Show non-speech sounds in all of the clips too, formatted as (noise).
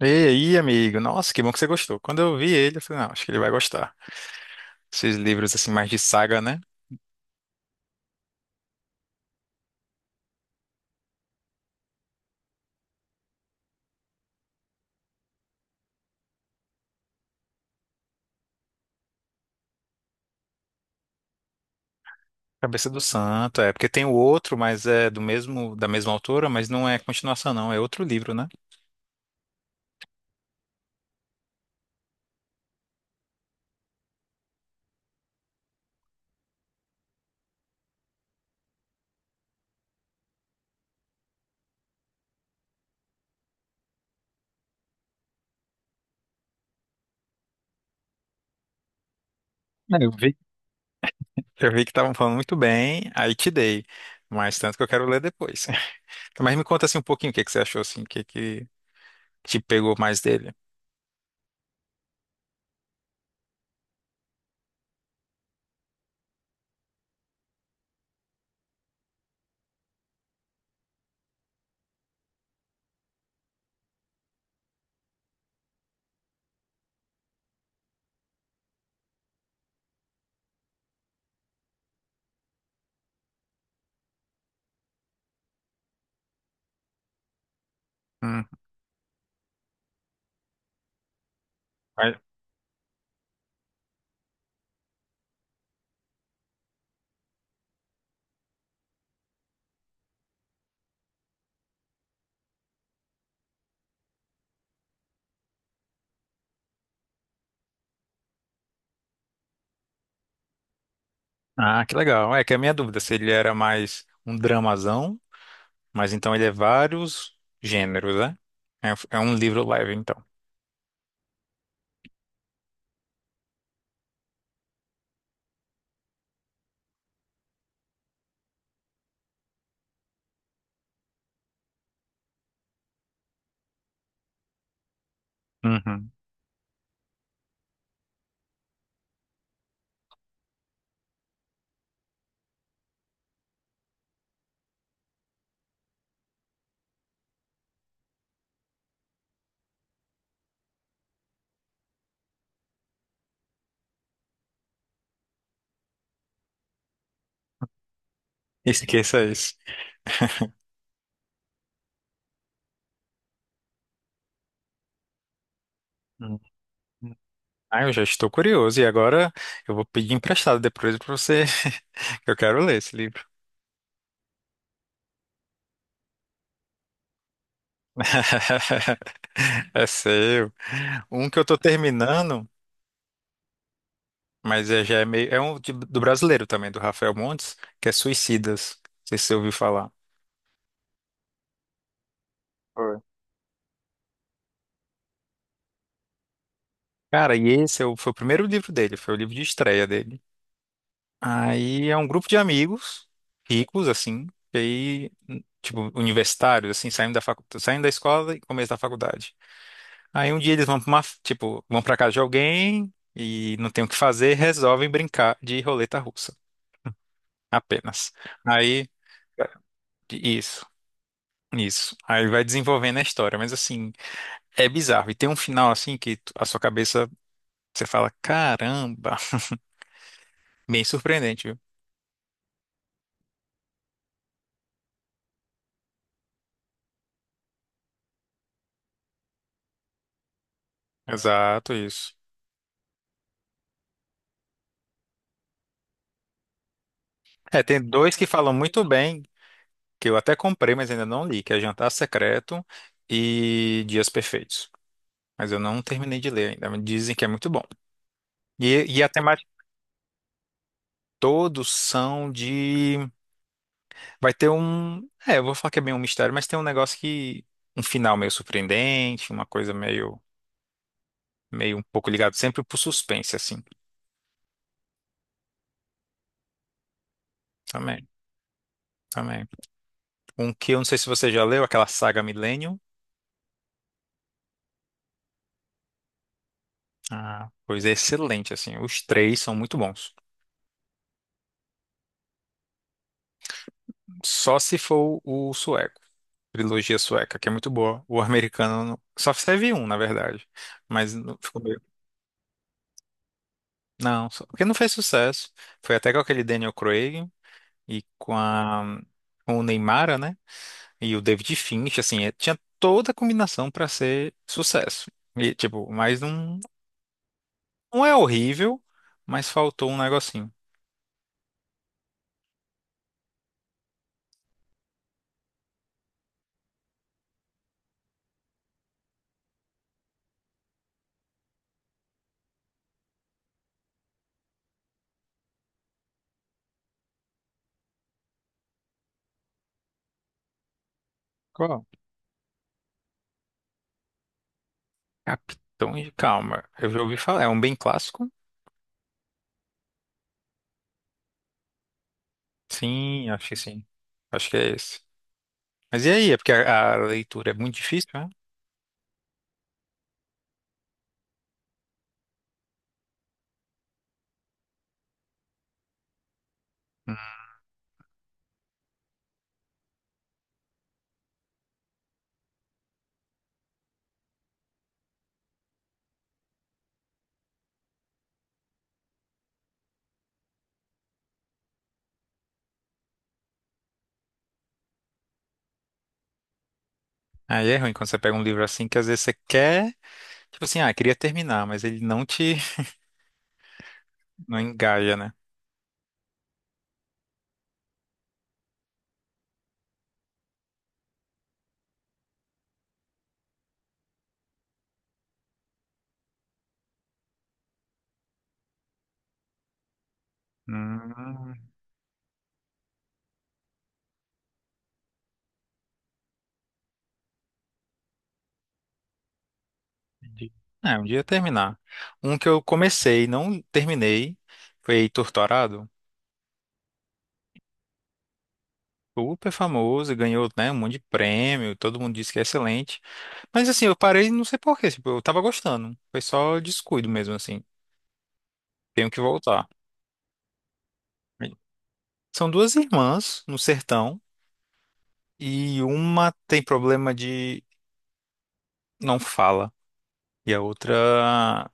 E aí, amigo? Nossa, que bom que você gostou. Quando eu vi ele, eu falei, não, acho que ele vai gostar. Esses livros, assim, mais de saga, né? Cabeça do Santo, é. Porque tem o outro, mas é do mesmo, da mesma autora, mas não é continuação, não. É outro livro, né? É, eu vi. Eu vi que estavam falando muito bem, aí te dei. Mas tanto que eu quero ler depois. (laughs) Mas me conta, assim, um pouquinho o que você achou, assim, o que te pegou mais dele. Hum. mas- Ah, que legal. É que a minha dúvida, se ele era mais um dramazão. Mas então ele é vários gêneros, né? É, é um livro leve, então. Uhum. Esqueça isso. (laughs) Uhum. Ah, eu já estou curioso. E agora eu vou pedir emprestado depois para você. (laughs) que Eu quero ler esse livro. (laughs) É seu. Um que eu estou terminando, mas é, já é meio. É do brasileiro também, do Rafael Montes, que é Suicidas. Não sei se você ouviu falar. Foi. Cara, e foi o primeiro livro dele, foi o livro de estreia dele. Aí é um grupo de amigos ricos, assim, e aí, tipo, universitários, assim, saindo da escola e começo da faculdade. Aí um dia eles vão tipo, vão pra casa de alguém e não tem o que fazer, resolvem brincar de roleta russa, apenas. Aí, é, isso, isso. Aí vai desenvolvendo a história, mas assim, é bizarro. E tem um final, assim, a sua cabeça, você fala, caramba, (laughs) bem surpreendente, viu? Exato, isso. É, tem dois que falam muito bem que eu até comprei, mas ainda não li, que é Jantar Secreto e Dias Perfeitos. Mas eu não terminei de ler ainda, mas dizem que é muito bom. E a temática todos são de... Vai ter um... É, eu vou falar que é bem um mistério, mas tem um negócio que... Um final meio surpreendente, uma coisa meio... Meio um pouco ligado sempre pro suspense, assim. Também, também. Um que eu não sei se você já leu, aquela saga Millennium. Ah, pois é excelente, assim. Os três são muito bons. Só se for o sueco. Trilogia sueca, que é muito boa. O americano não- só teve um, na verdade. Mas não ficou meio. Não, porque não fez sucesso. Foi até com aquele Daniel Craig e com o Neymar, né? E o David Finch, assim, tinha toda a combinação para ser sucesso. E, tipo, mas não, não é horrível, mas faltou um negocinho. Qual? Capitão de Calma. Eu já ouvi falar. É um bem clássico? Sim. Acho que é esse. Mas e aí? É porque a leitura é muito difícil, né? Hum. Aí é ruim quando você pega um livro assim que às vezes você quer, tipo assim, ah, queria terminar, mas ele não te, (laughs) não engaja, né? Hum, entendi. É, um dia terminar. Um que eu comecei, e não terminei, foi Heitor Torado. Super famoso, ganhou, né, um monte de prêmio, todo mundo disse que é excelente. Mas assim, eu parei, não sei por quê, tipo, eu tava gostando. Foi só descuido mesmo, assim. Tenho que voltar. São duas irmãs no sertão. E uma tem problema de não fala. E a outra.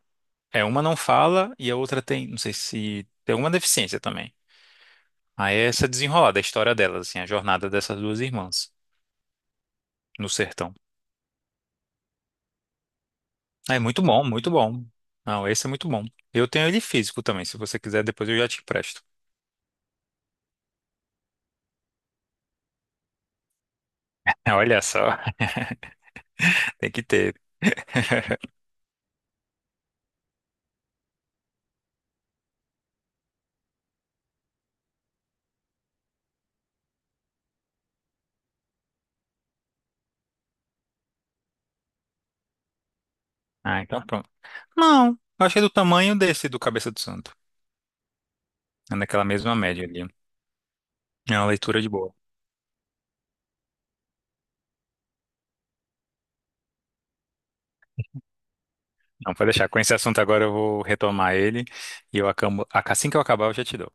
É, uma não fala e a outra tem. Não sei se. Tem alguma deficiência também. Aí é essa desenrolada, a história delas, assim, a jornada dessas duas irmãs no sertão. É muito bom, muito bom. Não, esse é muito bom. Eu tenho ele físico também, se você quiser, depois eu já te empresto. (laughs) Olha só, (laughs) tem que ter. (laughs) Ah, então pronto. Não, eu achei do tamanho desse do Cabeça do Santo. É naquela mesma média ali. É uma leitura de boa. Não, pode deixar. Com esse assunto agora eu vou retomar ele e eu acabo, assim que eu acabar eu já te dou.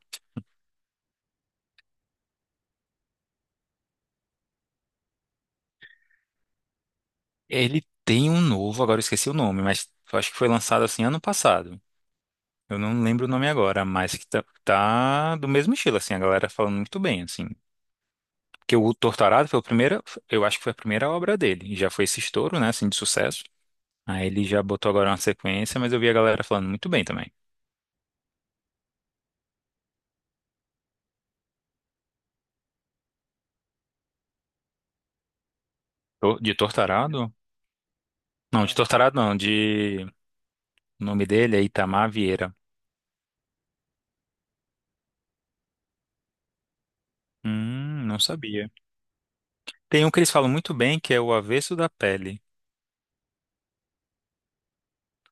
Ele tem um novo, agora eu esqueci o nome, mas eu acho que foi lançado assim ano passado. Eu não lembro o nome agora, mas que tá do mesmo estilo, assim, a galera falando muito bem, assim. Porque o Torturado foi o primeiro, eu acho que foi a primeira obra dele. Já foi esse estouro, né, assim, de sucesso. Aí ele já botou agora uma sequência, mas eu vi a galera falando muito bem também. De Torturado? Não, de Torturado não, de... O nome dele é Itamar Vieira. Não sabia. Tem um que eles falam muito bem, que é O Avesso da Pele.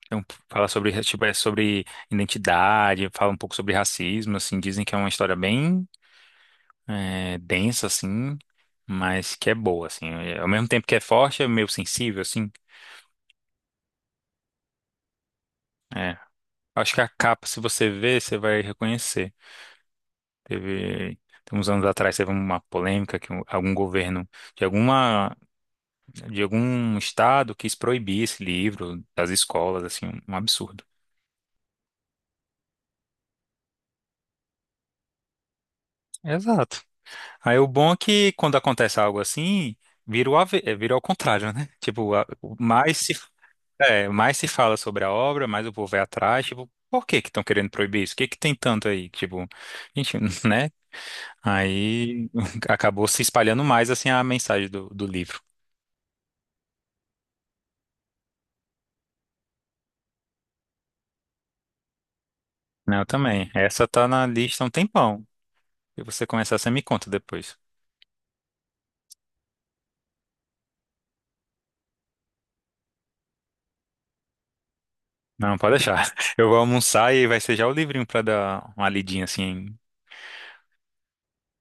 Então, fala sobre, tipo, é sobre identidade, fala um pouco sobre racismo, assim, dizem que é uma história bem é, densa, assim, mas que é boa, assim. É, ao mesmo tempo que é forte, é meio sensível, assim. É. Acho que a capa, se você ver, você vai reconhecer. Teve, tem uns anos atrás, teve uma polêmica que algum governo de alguma, de algum estado quis proibir esse livro das escolas, assim, um absurdo. Exato. Aí o bom é que quando acontece algo assim, vira o, ave- é, vira ao contrário, né? Mais se, é, mais se fala sobre a obra, mais o povo vai atrás. Tipo, por que que estão querendo proibir isso? O que que tem tanto aí? Tipo, gente, (laughs) né? Aí (laughs) acabou se espalhando mais assim a mensagem do livro. Não, eu também. Essa tá na lista há um tempão. Se você começar, você me conta depois. Não, pode deixar. (laughs) Eu vou almoçar e vai ser já o livrinho pra dar uma lidinha assim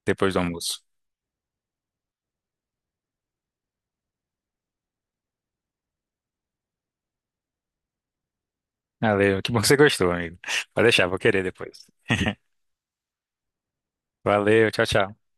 depois do almoço. Valeu, que bom que você gostou, amigo. Pode deixar, vou querer depois. Valeu, tchau, tchau.